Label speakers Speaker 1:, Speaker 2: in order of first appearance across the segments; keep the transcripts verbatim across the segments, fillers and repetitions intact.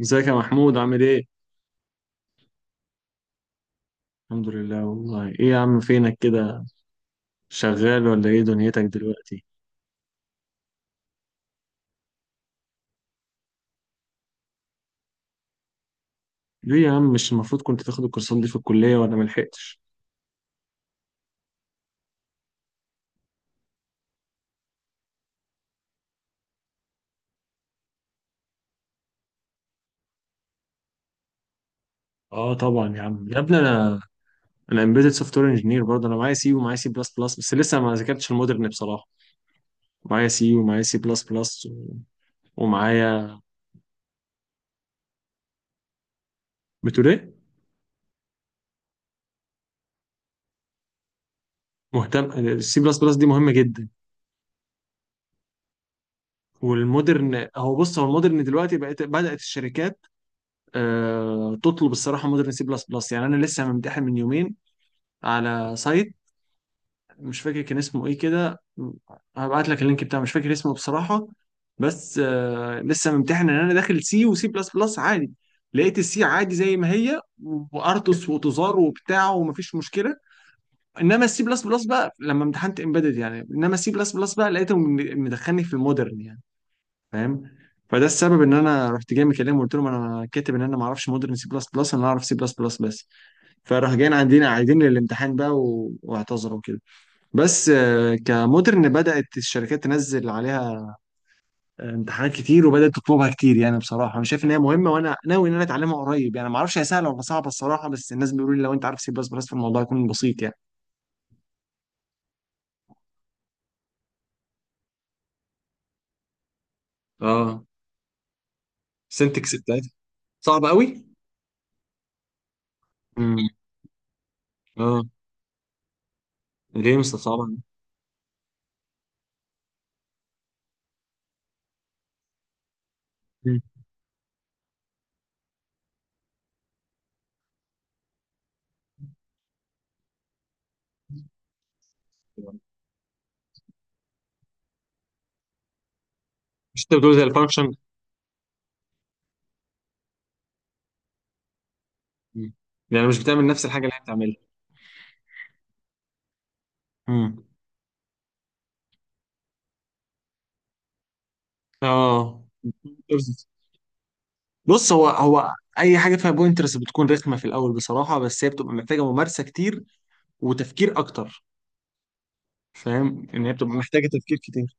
Speaker 1: ازيك يا محمود عامل ايه؟ الحمد لله. والله ايه يا عم فينك كده؟ شغال ولا ايه دنيتك دلوقتي؟ ليه يا عم مش المفروض كنت تاخد الكورسات دي في الكلية ولا ملحقتش؟ اه طبعا يا عم يا ابني انا انا امبيدد سوفت وير انجينير برضه، انا معايا سي ومعايا سي بلس بلس بس لسه ما ذاكرتش المودرن بصراحة. معايا سي ومعايا سي بلس بلس و- ومعايا. بتقول ايه؟ مهتم، السي بلس بلس دي مهمة جدا والمودرن. هو بص هو المودرن دلوقتي بقت بدأت الشركات آه، تطلب الصراحه مودرن سي بلس بلس، يعني انا لسه ممتحن من يومين على سايت مش فاكر كان اسمه ايه كده، هبعت لك اللينك بتاعه، مش فاكر اسمه بصراحة. بس آه لسه ممتحن ان انا داخل سي وسي بلس بلس عادي، لقيت السي عادي زي ما هي، وارتوس وتزار وبتاع ومفيش مشكلة. انما السي بلس بلس بقى لما امتحنت امبيدد، يعني انما السي بلس بلس بقى لقيته م- مدخلني في المودرن، يعني فاهم؟ فده السبب ان انا رحت جاي مكلمه وقلت لهم انا كاتب ان انا ما اعرفش مودرن سي بلس بلس، انا اعرف سي بلس بلس بس. فراح جايين عندنا عايدين الامتحان بقى و- واعتذروا كده. بس آه، كمودرن بدأت الشركات تنزل عليها آه، امتحانات كتير وبدأت تطلبها كتير، يعني بصراحة أنا شايف إن هي مهمة، وأنا ناوي إن أنا أتعلمها قريب. يعني ما أعرفش هي سهلة ولا صعبة الصراحة، بس الناس بيقولوا لي لو أنت عارف سي بلس بلس فالموضوع يكون بسيط يعني. اه، سنتكس بتاعتها صعبة قوي. امم، اه، ليه مش صعبة. مم. مش انت بتقول زي الفانكشن؟ يعني مش بتعمل نفس الحاجة اللي هي بتعملها. امم، اه. بص، هو هو أي حاجة فيها بوينترز بتكون رخمة في الأول بصراحة، بس هي بتبقى محتاجة ممارسة كتير وتفكير اكتر. فاهم ان هي بتبقى محتاجة تفكير كتير.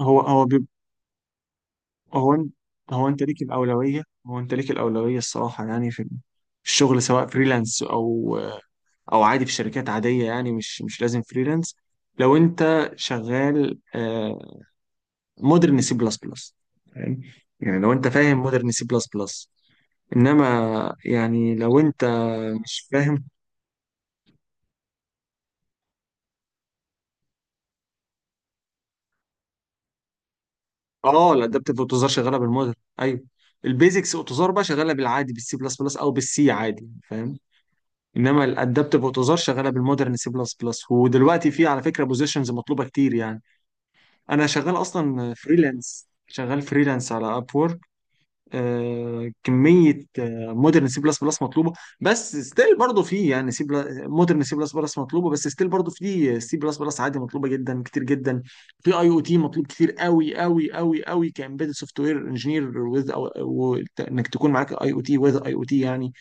Speaker 1: هو هو بيب... هو انت، هو انت ليك الاولويه هو انت ليك الاولويه الصراحه، يعني في في الشغل، سواء فريلانس او او عادي في شركات عاديه، يعني مش مش لازم فريلانس. لو انت شغال مودرن سي بلس بلس، فاهم يعني؟ لو انت فاهم مودرن سي بلس بلس، انما يعني لو انت مش فاهم. اه، الادابتيف اوتوزار شغاله بالموديل، ايوه. البيزكس اوتوزار بقى شغاله بالعادي، بالسي بلس بلس او بالسي عادي، فاهم؟ انما الادابتيف اوتوزار شغاله بالمودرن سي بلس بلس، ودلوقتي في على فكره بوزيشنز مطلوبه كتير يعني. انا شغال اصلا فريلانس، شغال فريلانس على اب. آه، كميه مودرن سي بلس بلس مطلوبه، بس ستيل برضه في يعني سي. مودرن سي بلس بلس مطلوبه، بس ستيل برضه في سي بلس بلس عادي مطلوبه جدا كتير جدا. في اي او تي مطلوب كتير قوي قوي قوي قوي، كامبيدد سوفت وير انجينير وذ، انك تكون معاك اي او تي وذ اي او تي، يعني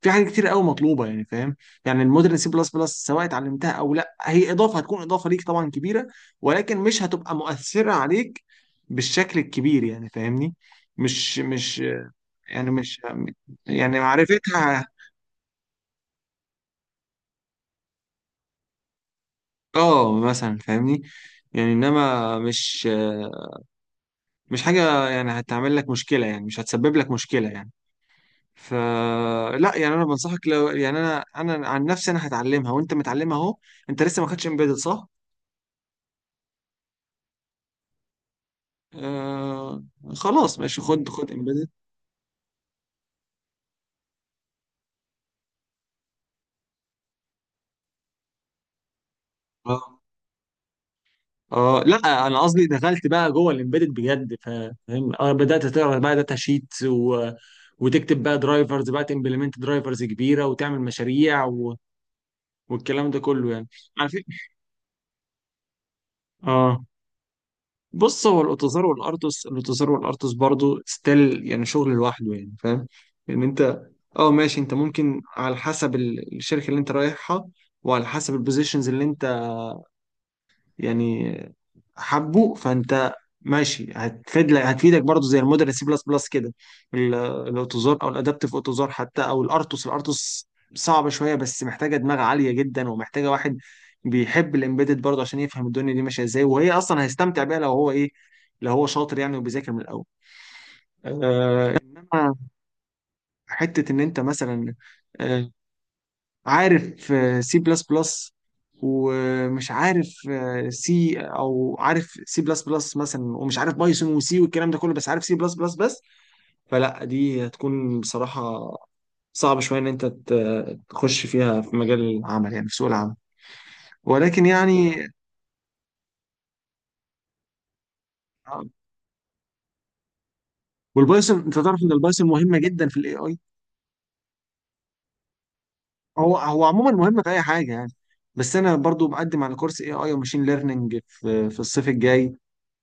Speaker 1: في حاجات كتير قوي مطلوبه يعني، فاهم؟ يعني المودرن سي بلس بلس سواء اتعلمتها او لا هي اضافه، هتكون اضافه ليك طبعا كبيره، ولكن مش هتبقى مؤثره عليك بالشكل الكبير يعني، فاهمني؟ مش مش يعني مش يعني معرفتها. اه مثلا، فاهمني؟ يعني انما مش مش حاجه يعني هتعمل لك مشكله، يعني مش هتسبب لك مشكله يعني. فلا يعني انا بنصحك، لو يعني انا انا عن نفسي انا هتعلمها، وانت متعلمها اهو. انت لسه ما خدتش امبيدد صح؟ آه، خلاص ماشي، خد خد امبيدد. اه اه، لا انا قصدي دخلت بقى جوه الامبيدد بجد، فا- فاهم؟ اه بدات تقرا بقى داتا شيت و... وتكتب بقى درايفرز، بقى تمبلمنت درايفرز كبيره، وتعمل مشاريع و... والكلام ده كله يعني، على فكره. اه، بص، هو الاوتوزار والارتوس، الاوتوزار والارتوس برضو ستيل يعني شغل لوحده يعني، فاهم؟ ان انت، اه ماشي، انت ممكن على حسب ال- الشركه اللي انت رايحها، وعلى حسب البوزيشنز اللي انت يعني، حبه. فانت ماشي، هتفيد لك هتفيدك برضه زي المودرن سي بلس بلس كده. ال- الاوتوزار او الادابتيف اوتوزار حتى، او الارتوس. الارتوس صعبه شويه، بس محتاجه دماغ عاليه جدا، ومحتاجه واحد بيحب الامبيدد برضه عشان يفهم الدنيا دي ماشيه ازاي، وهي اصلا هيستمتع بيها لو هو ايه، لو هو شاطر يعني وبيذاكر من الاول. آه، انما حته ان انت مثلا، آه، عارف سي بلس بلس ومش عارف سي، او عارف سي بلس بلس مثلا ومش عارف بايثون وسي والكلام ده كله بس عارف سي بلس بلس بس، فلا دي هتكون بصراحة صعب شوية ان انت ت- تخش فيها في مجال العمل، يعني في سوق العمل، ولكن يعني. والبايثون، انت تعرف ان البايثون مهمة جدا في الاي اي. هو هو عموما مهمة في اي حاجة يعني. بس انا برضو بقدم على كورس اي اي وماشين ليرنينج في في الصيف الجاي،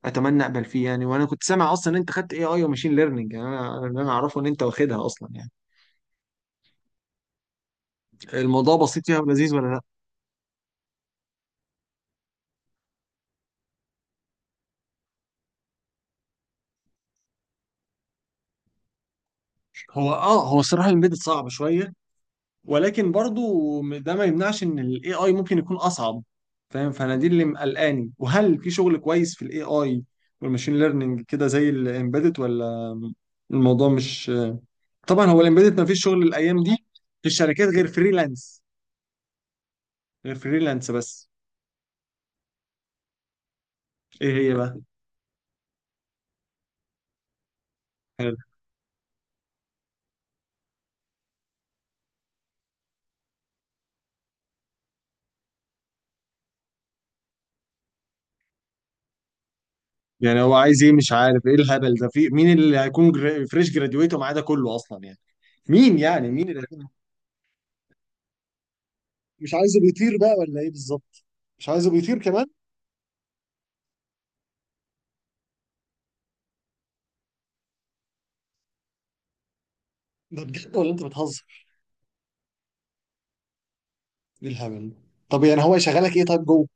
Speaker 1: اتمنى اقبل فيه يعني. وانا كنت سامع اصلا ان انت خدت اي اي وماشين ليرنينج، يعني انا أنا- اللي انا اعرفه ان انت واخدها اصلا يعني. الموضوع بسيط فيها ولذيذ ولا لا؟ هو اه، هو الصراحه الامبيدد صعب شويه، ولكن برضو ده ما يمنعش ان الاي اي ممكن يكون اصعب، فاهم؟ فانا دي اللي مقلقاني، وهل في شغل كويس في الاي اي والماشين ليرنينج كده زي الامبيدد، ولا الموضوع مش آه؟ طبعا هو الامبيدد ما فيش شغل الايام دي في الشركات غير فريلانس، غير فريلانس بس. ايه هي بقى؟ يعني هو عايز ايه؟ مش عارف ايه الهبل ده، في مين اللي هيكون جرا- فريش جراديويت ومعاه ده كله اصلا يعني؟ مين يعني، مين اللي هيكون؟ مش عايزه بيطير بقى ولا ايه بالظبط؟ مش عايزه بيطير كمان. ده بجد ولا انت بتهزر؟ ايه الهبل ده؟ طب يعني هو يشغلك ايه طيب جوه؟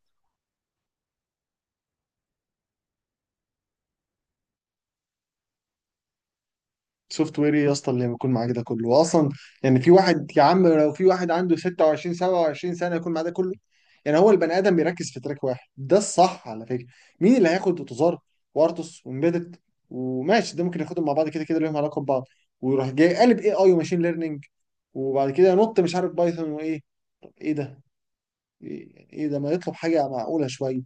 Speaker 1: سوفت وير ايه يا اسطى اللي بيكون معاك ده كله واصلا؟ يعني في واحد يا عم، لو في واحد عنده ستة وعشرين سبعة وعشرين سنة سنه يكون معاه ده كله؟ يعني هو البني ادم بيركز في تراك واحد، ده الصح على فكره. مين اللي هياخد اوتوزار وارتوس وامبيدد وماشي، ده ممكن ياخدهم مع بعض كده كده، ليهم علاقه ببعض، ويروح جاي قالب اي اي وماشين ليرنينج، وبعد كده نط مش عارف بايثون وايه؟ طب ايه ده؟ ايه إيه ده ما يطلب حاجه معقوله شويه.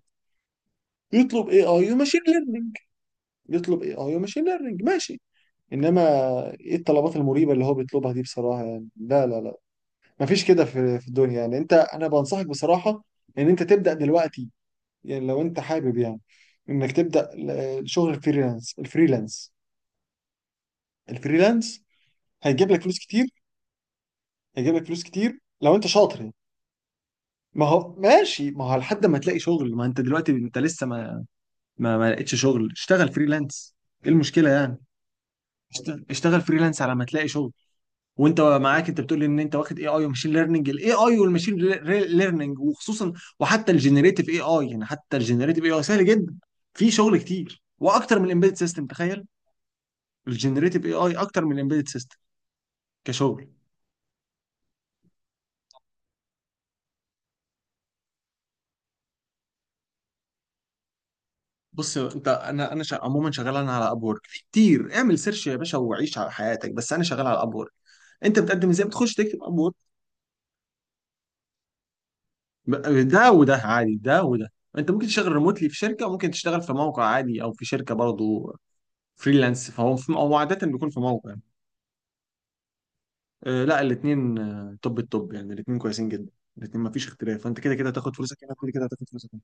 Speaker 1: يطلب اي اي وماشين ليرنينج، يطلب اي اي وماشين ليرنينج ماشي، انما ايه الطلبات المريبه اللي هو بيطلبها دي بصراحه يعني، لا لا لا، مفيش كده في في الدنيا يعني. انت، انا بنصحك بصراحه ان انت تبدا دلوقتي، يعني لو انت حابب يعني انك تبدا ل- شغل الفريلانس. الفريلانس الفريلانس هيجيب لك فلوس كتير، هيجيب لك فلوس كتير لو انت شاطر يعني. ما هو ماشي، ما هو لحد ما تلاقي شغل، ما انت دلوقتي انت لسه ما، ما, ما لقيتش شغل، اشتغل فريلانس. ايه المشكله يعني؟ اشت- اشتغل فريلانس على ما تلاقي شغل. وانت معاك، انت بتقول ان انت واخد اي اي وماشين ليرننج. الاي اي والماشين ليرننج وخصوصا وحتى الجنريتيف اي اي، يعني حتى الجنريتيف اي اي سهل جدا، في شغل كتير، واكتر من الامبيدد سيستم، تخيل. الجنريتيف اي اي اكتر من الامبيدد سيستم كشغل. بص انت، انا انا شا... عموما شغال انا على ابورك، في كتير اعمل سيرش يا باشا وعيش على حياتك، بس انا شغال على ابورك. انت بتقدم ازاي؟ بتخش تكتب ابورك. ده وده عادي، ده وده، انت ممكن تشتغل ريموتلي في شركه، وممكن تشتغل في موقع عادي او في شركه برضه فريلانس. فهو في هو عادة بيكون في موقع. آه لا، الاثنين. آه طب الطب يعني الاثنين كويسين جدا، الاثنين ما فيش اختلاف. فانت كده كده هتاخد فلوسك هنا، كده كده هتاخد فلوسك هنا.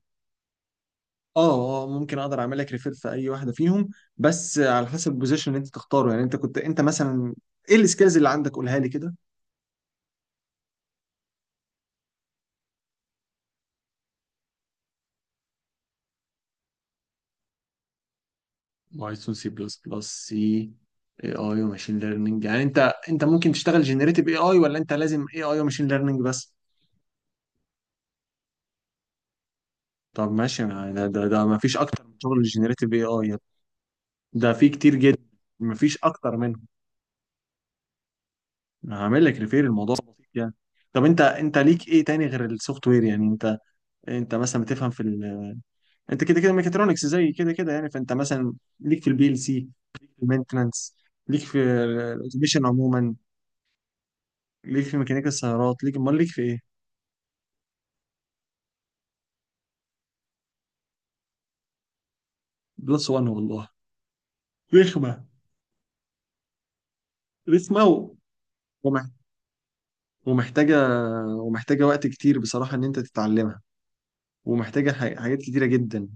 Speaker 1: اه اه، ممكن اقدر اعمل لك ريفير في اي واحده فيهم، بس على حسب البوزيشن اللي انت تختاره. يعني انت كنت انت مثلا، ايه السكيلز اللي عندك؟ قولها لي كده. بايثون سي بلس بلس سي، اي اي وماشين ليرنينج، يعني انت، انت ممكن تشتغل جنريتيف اي اي، ولا انت لازم اي اي وماشين ليرنينج بس؟ طب ماشي، ما- ده ده ده ما فيش اكتر من شغل الجنريتيف اي اي، ده في كتير جدا، مفيش اكتر منهم. هعمل لك ريفير، الموضوع بسيط يعني. طب انت، انت ليك ايه تاني غير السوفت وير؟ يعني انت، انت مثلا بتفهم في ال... انت كده كده ميكاترونكس زي كده كده، يعني فانت مثلا ليك في البي ال سي، المينتنانس، ليك في الاوتوميشن عموما، ليك في ميكانيكا السيارات، ليك، امال ليك في ايه؟ بلس وان والله، رخمه، رخمه و- ومح- ومحتاجه، ومحتاجه وقت كتير بصراحه ان انت تتعلمها، ومحتاجه ح- حاجات كتيره جدا.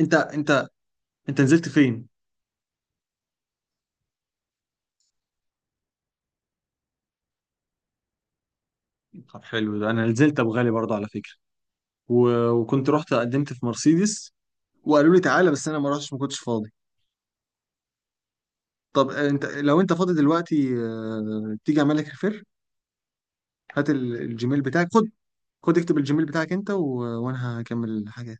Speaker 1: انت انت انت نزلت فين؟ طب حلو، ده انا نزلت ابو غالي برضه على فكره، و... وكنت رحت قدمت في مرسيدس وقالوا لي تعالى بس انا ما رحتش، ما كنتش فاضي. طب آه، انت لو انت فاضي دلوقتي آه، تيجي اعمل لك ريفير. هات ال- الجيميل بتاعك، خد، خد اكتب الجيميل بتاعك انت و... وانا هكمل الحاجه.